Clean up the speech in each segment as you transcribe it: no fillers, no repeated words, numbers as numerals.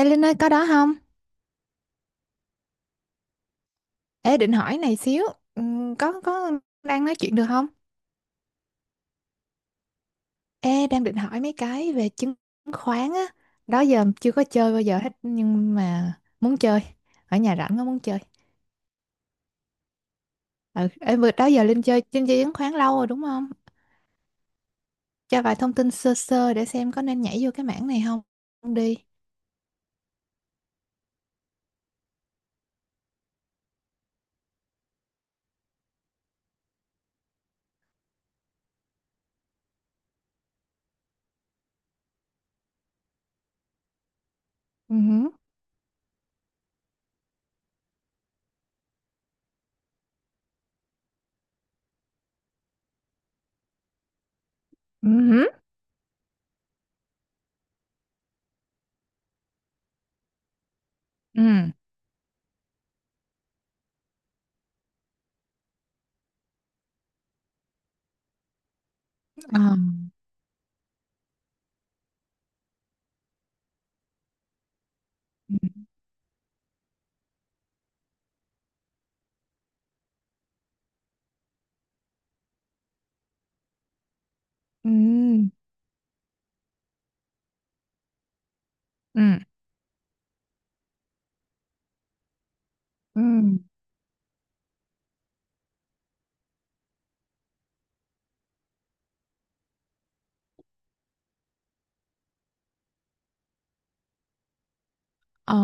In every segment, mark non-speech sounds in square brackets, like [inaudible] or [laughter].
Ê Linh ơi có đó không? Ê định hỏi này xíu. Có đang nói chuyện được không? Ê đang định hỏi mấy cái về chứng khoán á. Đó giờ chưa có chơi bao giờ hết. Nhưng mà muốn chơi. Ở nhà rảnh có muốn chơi. Ừ. Ê vừa đó giờ Linh chơi chứng khoán lâu rồi đúng không? Cho vài thông tin sơ sơ để xem có nên nhảy vô cái mảng này không đi. Ừ hử. Ừ hử. Ừ. Ờ. Ừ. Ừ. Ừ. Ờ.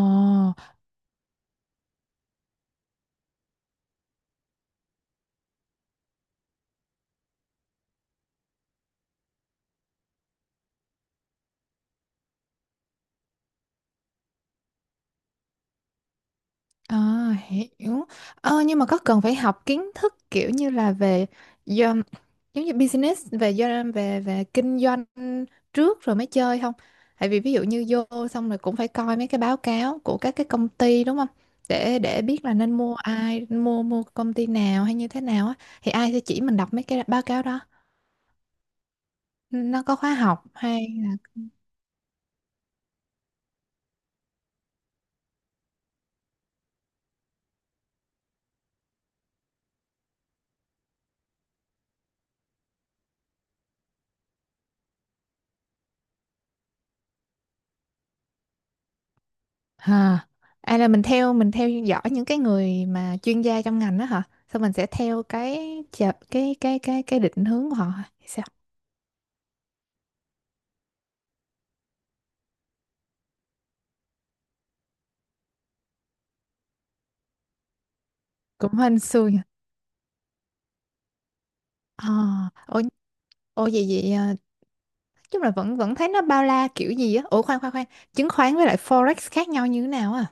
À, hiểu. Nhưng mà có cần phải học kiến thức kiểu như là về do, giống như business về do về về kinh doanh trước rồi mới chơi không? Tại vì ví dụ như vô xong rồi cũng phải coi mấy cái báo cáo của các cái công ty đúng không? Để biết là nên mua ai, mua mua công ty nào hay như thế nào á, thì ai sẽ chỉ mình đọc mấy cái báo cáo đó. Nó có khóa học hay là. À, à là mình theo dõi những cái người mà chuyên gia trong ngành đó hả? Xong mình sẽ theo cái cái định hướng của họ hả? Hay sao? Cũng hên xui nhỉ. À, ồ, ồ vậy vậy à, chung là vẫn vẫn thấy nó bao la kiểu gì á. Ủa khoan khoan khoan, chứng khoán với lại forex khác nhau như thế nào à?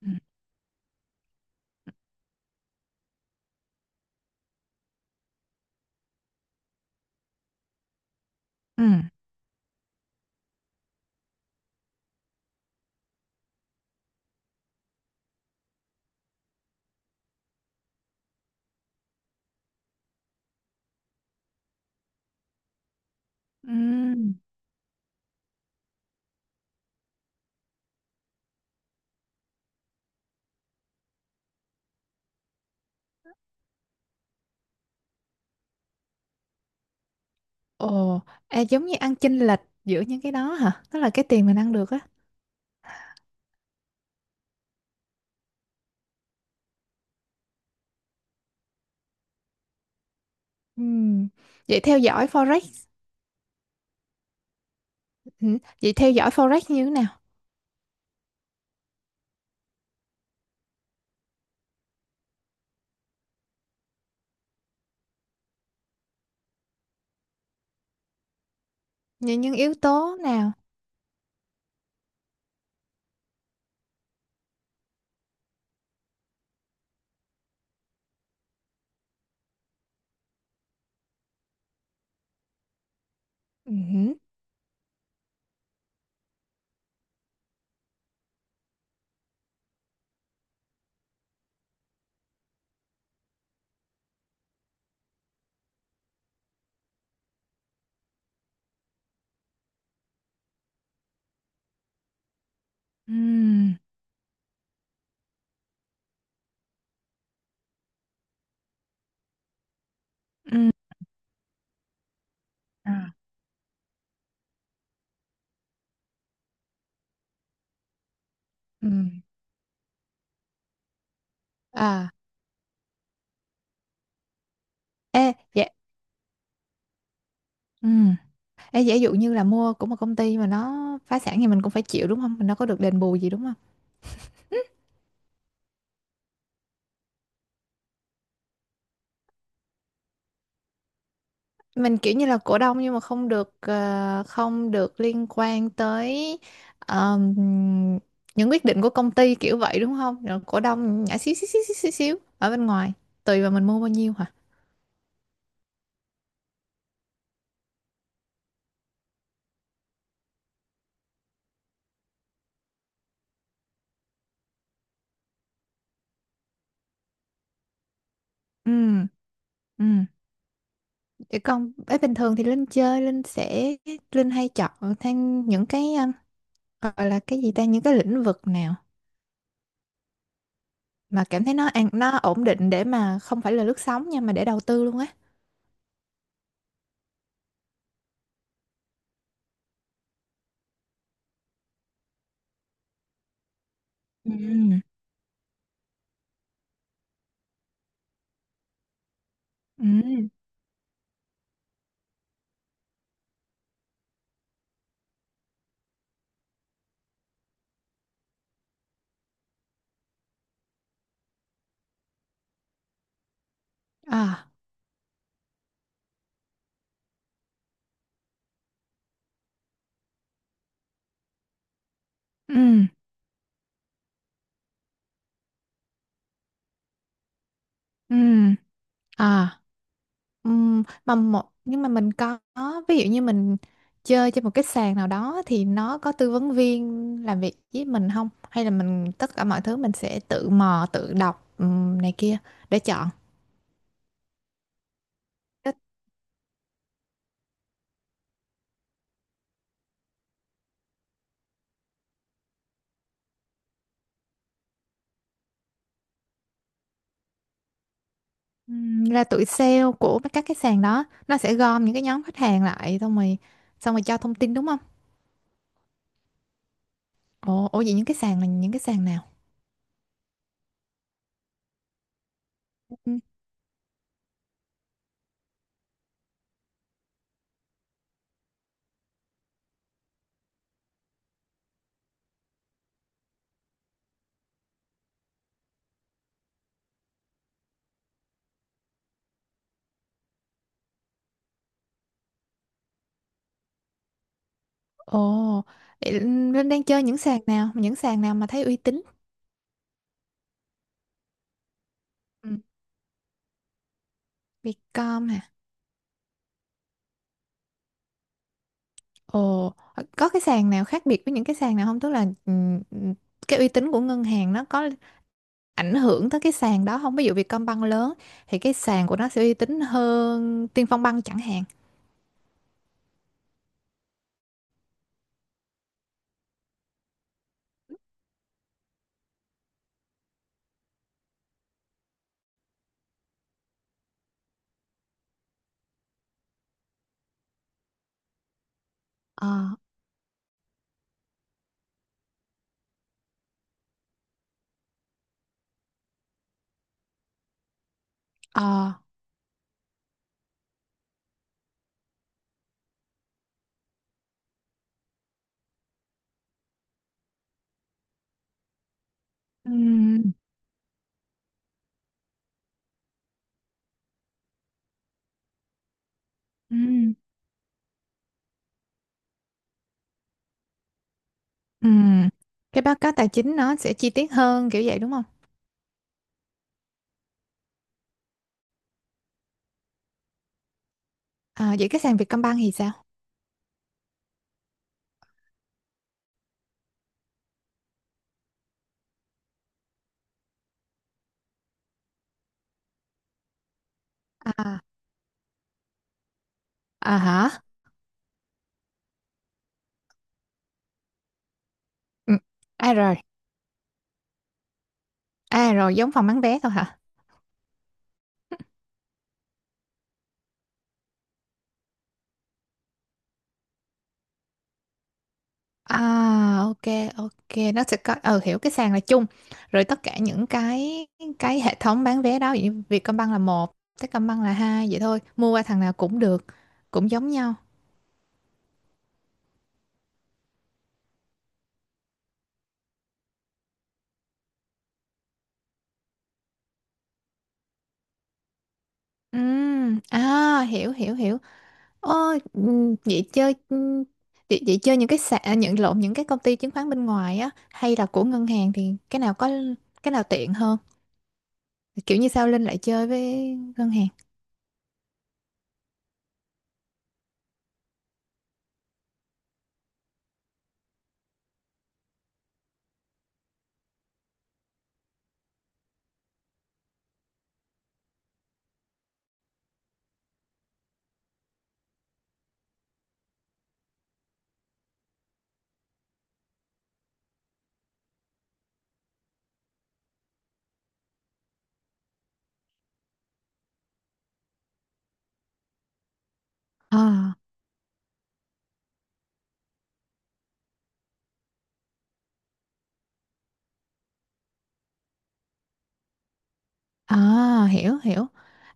Ừ. Ừ. Ừ. Ồ, à, giống như ăn chênh lệch giữa những cái đó hả? Đó là cái tiền mình ăn được á. Ừ. Vậy theo dõi forex, ừ. Vậy theo dõi forex như thế nào? Những yếu tố nào? Ừ. Ừ. Ừ. À. Ừ. À, ê, dạ. Ừ. Ê, giả dụ như là mua của một công ty mà nó phá sản thì mình cũng phải chịu đúng không? Mình đâu có được đền bù gì đúng không? Mình kiểu như là cổ đông nhưng mà không được không được liên quan tới ờm, những quyết định của công ty kiểu vậy đúng không? Rồi cổ đông nhả xíu xíu xíu xíu xíu, xíu ở bên ngoài, tùy vào mình mua bao nhiêu hả? Ừ. Ừ. Để con ấy bình thường thì Linh chơi Linh sẽ Linh hay chọn thêm những cái gọi là cái gì ta, những cái lĩnh vực nào mà cảm thấy nó an nó ổn định để mà không phải là lướt sóng nha mà để đầu tư luôn á. Ừ. Ừ. À. Ừ. Ừ. À. Ừ. Mà một nhưng mà mình có, ví dụ như mình chơi trên một cái sàn nào đó thì nó có tư vấn viên làm việc với mình không, hay là mình tất cả mọi thứ mình sẽ tự mò tự đọc này kia để chọn. Là tụi sale của các cái sàn đó nó sẽ gom những cái nhóm khách hàng lại xong rồi cho thông tin đúng không? Ồ, ồ vậy những cái sàn là những cái sàn nào? Ừ. Ồ, vậy Linh đang chơi những sàn nào? Những sàn nào mà thấy uy tín? Ừ. Vietcom hả? Ồ, có cái sàn nào khác biệt với những cái sàn nào không? Tức là cái uy tín của ngân hàng nó có ảnh hưởng tới cái sàn đó không? Ví dụ Vietcombank lớn thì cái sàn của nó sẽ uy tín hơn Tiên Phong Bank chẳng hạn. Ờ, ờ. Ừ. Ừm. Ừm. Cái báo cáo tài chính nó sẽ chi tiết hơn kiểu vậy đúng không? À, vậy cái sàn Vietcombank thì sao? À, à hả? Ừ. À rồi, à rồi giống phòng bán vé thôi hả? À, ok ok, nó sẽ có ờ hiểu cái sàn là chung, rồi tất cả những cái hệ thống bán vé đó, ví dụ như Vietcombank là một, Techcombank là hai, vậy thôi mua qua thằng nào cũng được, cũng giống nhau. Ừ, à hiểu hiểu hiểu. Ôi, vậy chơi vậy, vậy chơi những cái sàn à, nhận lộn những cái công ty chứng khoán bên ngoài á hay là của ngân hàng thì cái nào có cái nào tiện hơn? Kiểu như sao Linh lại chơi với ngân hàng? À, à hiểu hiểu.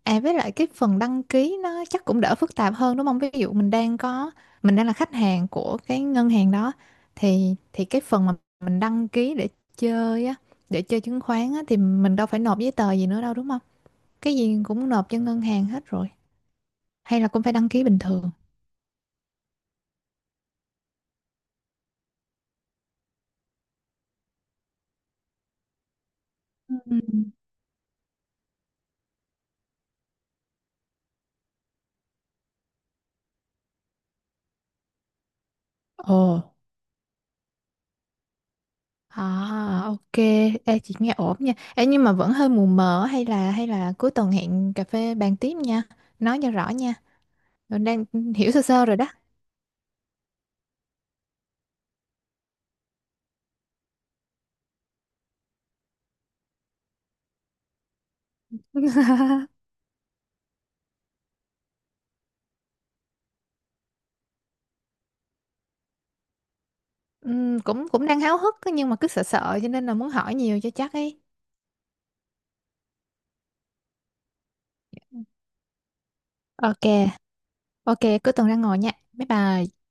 À với lại cái phần đăng ký nó chắc cũng đỡ phức tạp hơn đúng không? Ví dụ mình đang có mình đang là khách hàng của cái ngân hàng đó thì cái phần mà mình đăng ký để chơi á, để chơi chứng khoán á thì mình đâu phải nộp giấy tờ gì nữa đâu đúng không? Cái gì cũng nộp cho ngân hàng hết rồi. Hay là cũng phải đăng ký bình thường. Ừ. Ồ, à, ok. Ê, chị nghe ổn nha. Ê, nhưng mà vẫn hơi mù mờ, hay là cuối tuần hẹn cà phê bàn tiếp nha, nói cho rõ nha. Rồi đang hiểu sơ sơ rồi đó. [laughs] Cũng cũng đang háo hức á, nhưng mà cứ sợ sợ cho nên là muốn hỏi nhiều cho chắc ấy. Ok, ok, cuối tuần ra ngồi nha, bye bye.